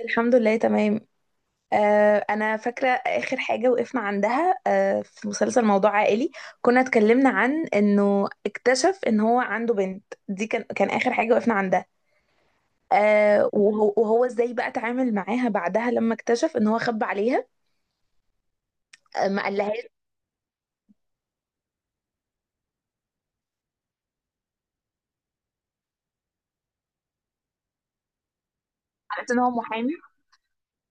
الحمد لله تمام. انا فاكره اخر حاجه وقفنا عندها في مسلسل موضوع عائلي. كنا اتكلمنا عن انه اكتشف ان هو عنده بنت، دي كان اخر حاجه وقفنا عندها. وهو ازاي بقى اتعامل معاها بعدها لما اكتشف ان هو خبى عليها. ما قالهاش. عرفت ان هو محامي.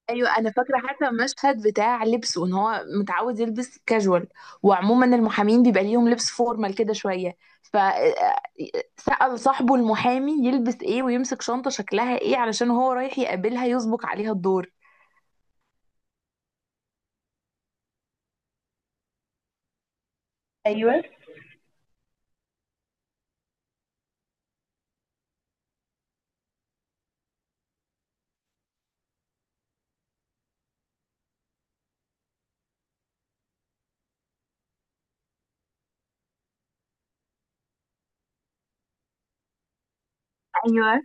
ايوه انا فاكره حتى المشهد بتاع لبسه، ان هو متعود يلبس كاجوال وعموما المحامين بيبقى ليهم لبس فورمال كده شويه. ف آه، سأل صاحبه المحامي يلبس ايه ويمسك شنطه شكلها ايه علشان هو رايح يقابلها يسبق عليها الدور. ايوه، ايوه،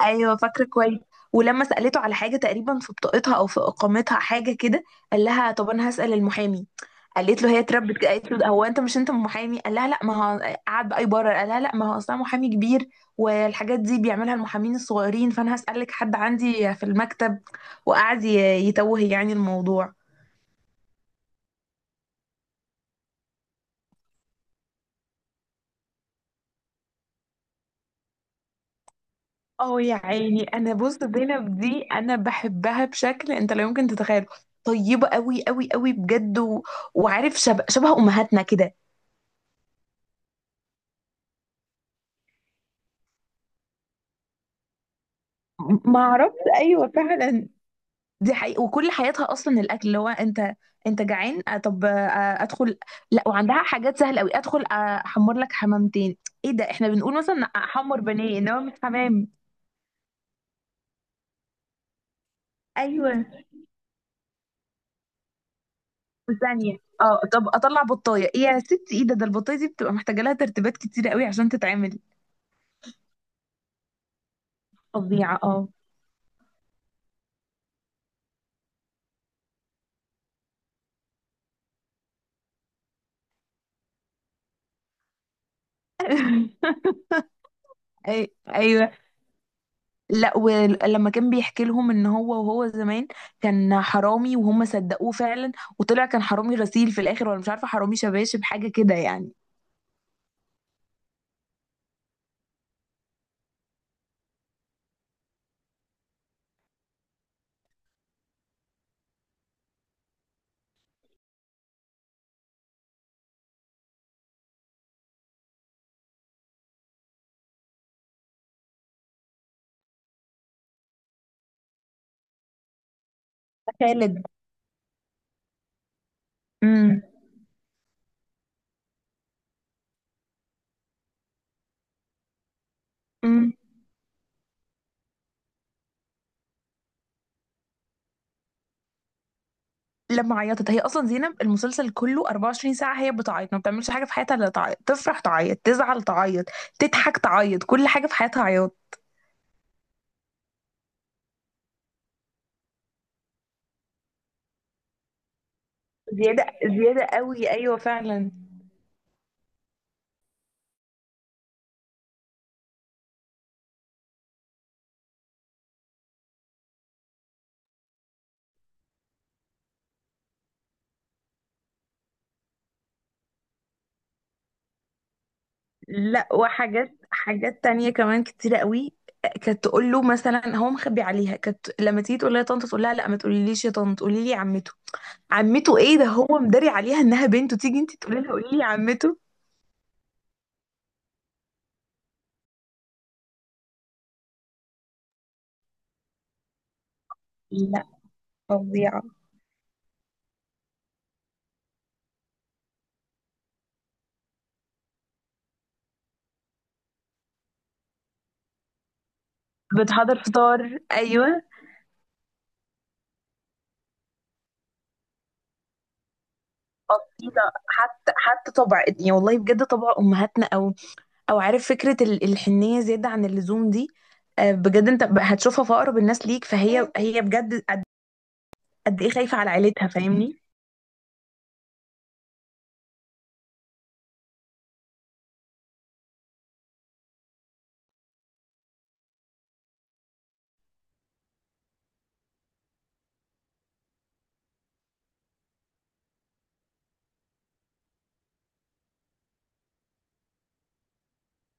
ايوه، فاكره كويس. ولما سالته على حاجه تقريبا في بطاقتها او في اقامتها حاجه كده، قال لها طب انا هسال المحامي. قالت له هي اتربت كده. قالت له هو انت مش انت محامي؟ قال لها لا. ما هو قعد بقى يبرر، قال لها لا ما هو اصلا محامي كبير والحاجات دي بيعملها المحامين الصغيرين، فانا هسالك حد عندي في المكتب. وقعد ي- يتوه يعني الموضوع. اه يا عيني، انا بص زينب دي انا بحبها بشكل انت لا يمكن تتخيله. طيبه قوي قوي قوي بجد وعارف، شبه امهاتنا كده. ما اعرفش، ايوه فعلا. دي حقيقة، وكل حياتها اصلا الاكل. اللي هو انت انت جعان، طب ادخل. لا وعندها حاجات سهله قوي. ادخل احمر لك حمامتين. ايه ده؟ احنا بنقول مثلا احمر بانيه انما مش حمام. ايوه وثانيه. اه طب اطلع بطايه، ايه يا ستي؟ ايه ده؟ ده البطايه دي بتبقى محتاجه لها ترتيبات كتيره قوي عشان تتعمل. فظيعه اه. ايوه. لا، ولما كان بيحكي لهم ان هو زمان كان حرامي، وهم صدقوه فعلا، وطلع كان حرامي غسيل في الاخر، ولا مش عارفه حرامي شباشب حاجه كده يعني. ده خالد. امم. امم. لما عيطت، هي اصلا زينب المسلسل كله 24 ساعه هي بتعيط. ما بتعملش حاجه في حياتها الا تعيط، تفرح تعيط، تزعل تعيط، تضحك تعيط، كل حاجه في حياتها عياط. زيادة قوي أيوة فعلا. لا، وحاجات تانية كمان كتيرة قوي. كانت تقول له مثلا هو مخبي عليها، كانت لما تيجي تقول لها يا طنط، تقول لها لا ما تقوليليش يا طنط، قولي لي عمته. عمته؟ ايه ده؟ هو مداري عليها انها بنته، تيجي انت تقولي لها قولي لي عمته. لا. فظيعة. بتحضر فطار ايوه. اصيله. حتى حتى طبع، يعني والله بجد طبع امهاتنا، او او عارف، فكره الحنيه زياده عن اللزوم دي. بجد انت هتشوفها في اقرب الناس ليك، فهي بجد قد قد ايه خايفه على عيلتها، فاهمني؟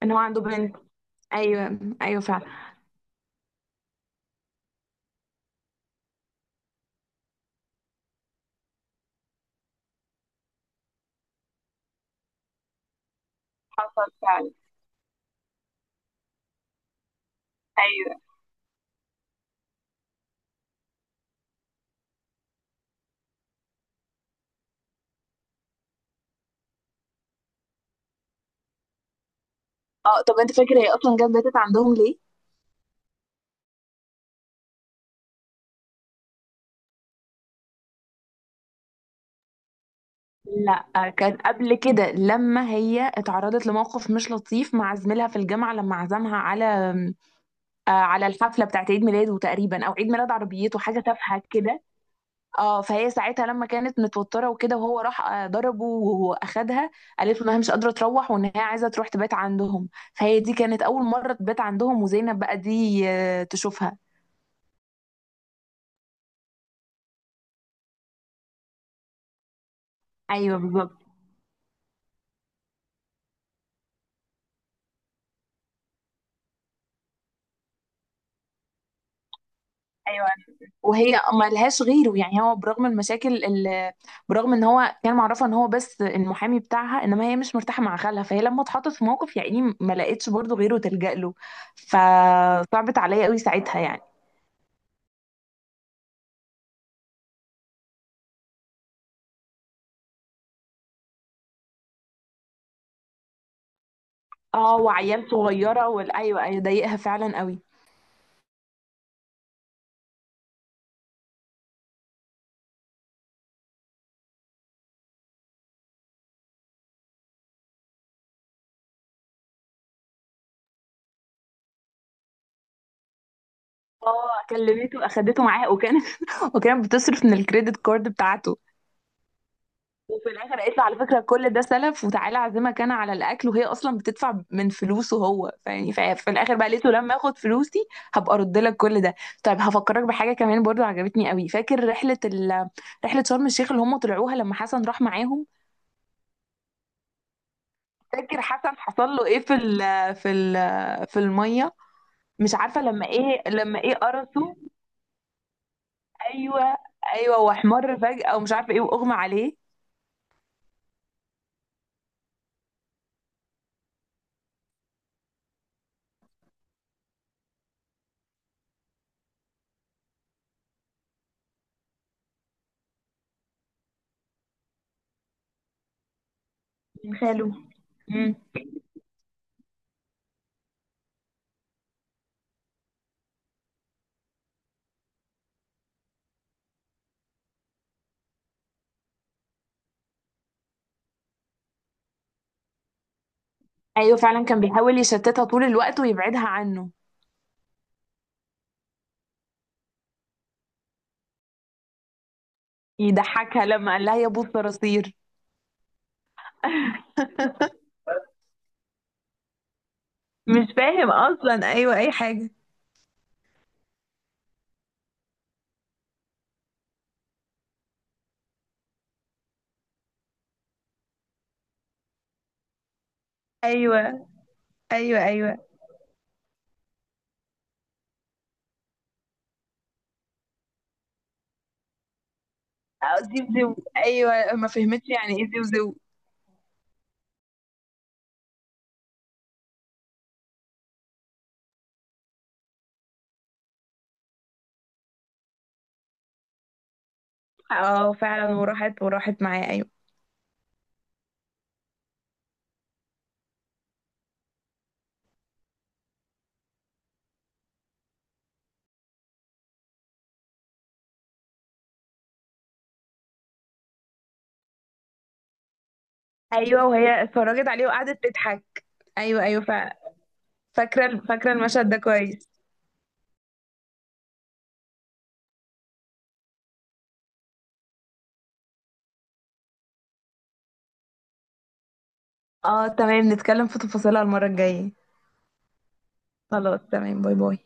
ان هو عنده بنت. ايوه، ايوه فعلا. حصل فعلا. ايوه. اه طب انت فاكر هي اصلا جت باتت عندهم ليه؟ لا كان قبل كده، لما هي اتعرضت لموقف مش لطيف مع زميلها في الجامعه لما عزمها على على الحفله بتاعت عيد ميلاده تقريبا او عيد ميلاد عربيته، حاجه تافهه كده. اه فهي ساعتها لما كانت متوتره وكده، وهو راح ضربه واخدها، قالت له انها مش قادره تروح وان هي عايزه تروح تبات عندهم، فهي دي كانت اول مره تبات عندهم، وزينب بقى دي تشوفها. ايوه بالظبط. ايوه، وهي ما لهاش غيره يعني. هو برغم المشاكل اللي، برغم ان هو كان معرفه ان هو بس المحامي بتاعها، انما هي مش مرتاحه مع خالها، فهي لما اتحطت في موقف يعني ما لقتش برضه غيره تلجأ له. فصعبت عليا قوي ساعتها يعني. اه وعيال صغيره، والايوه ايوه ايوه، ضايقها فعلا قوي. اه كلمته، اخدته معاها، وكانت وكانت بتصرف من الكريدت كارد بتاعته. وفي الاخر قالت له على فكره كل ده سلف، وتعالى اعزمك انا على الاكل، وهي اصلا بتدفع من فلوسه هو. فيعني في الاخر بقى قالت له لما اخد فلوسي هبقى ارد لك كل ده. طيب هفكرك بحاجه كمان برضو عجبتني قوي. فاكر رحله رحله شرم الشيخ اللي هم طلعوها لما حسن راح معاهم؟ فاكر حسن حصل له ايه في في في الميه؟ مش عارفه لما ايه، لما ايه، قرصه؟ ايوه، ايوه، واحمر فجاه ومش عارفه ايه، واغمى عليه. من خاله. مم. ايوه فعلا كان بيحاول يشتتها طول الوقت ويبعدها عنه. يضحكها لما قال لها يا ابو الصراصير. مش فاهم اصلا، ايوه اي حاجه. ايوه ايوه ايوه. اه زيو زيو، ايوه ما فهمتش يعني ايه زيو زيو. اه فعلا، وراحت معاه ايوه. ايوه وهي اتفرجت عليه وقعدت تضحك. ايوه ايوه فعلا. فاكره المشهد ده كويس. اه تمام، نتكلم في تفاصيلها المره الجايه. خلاص تمام، باي باي.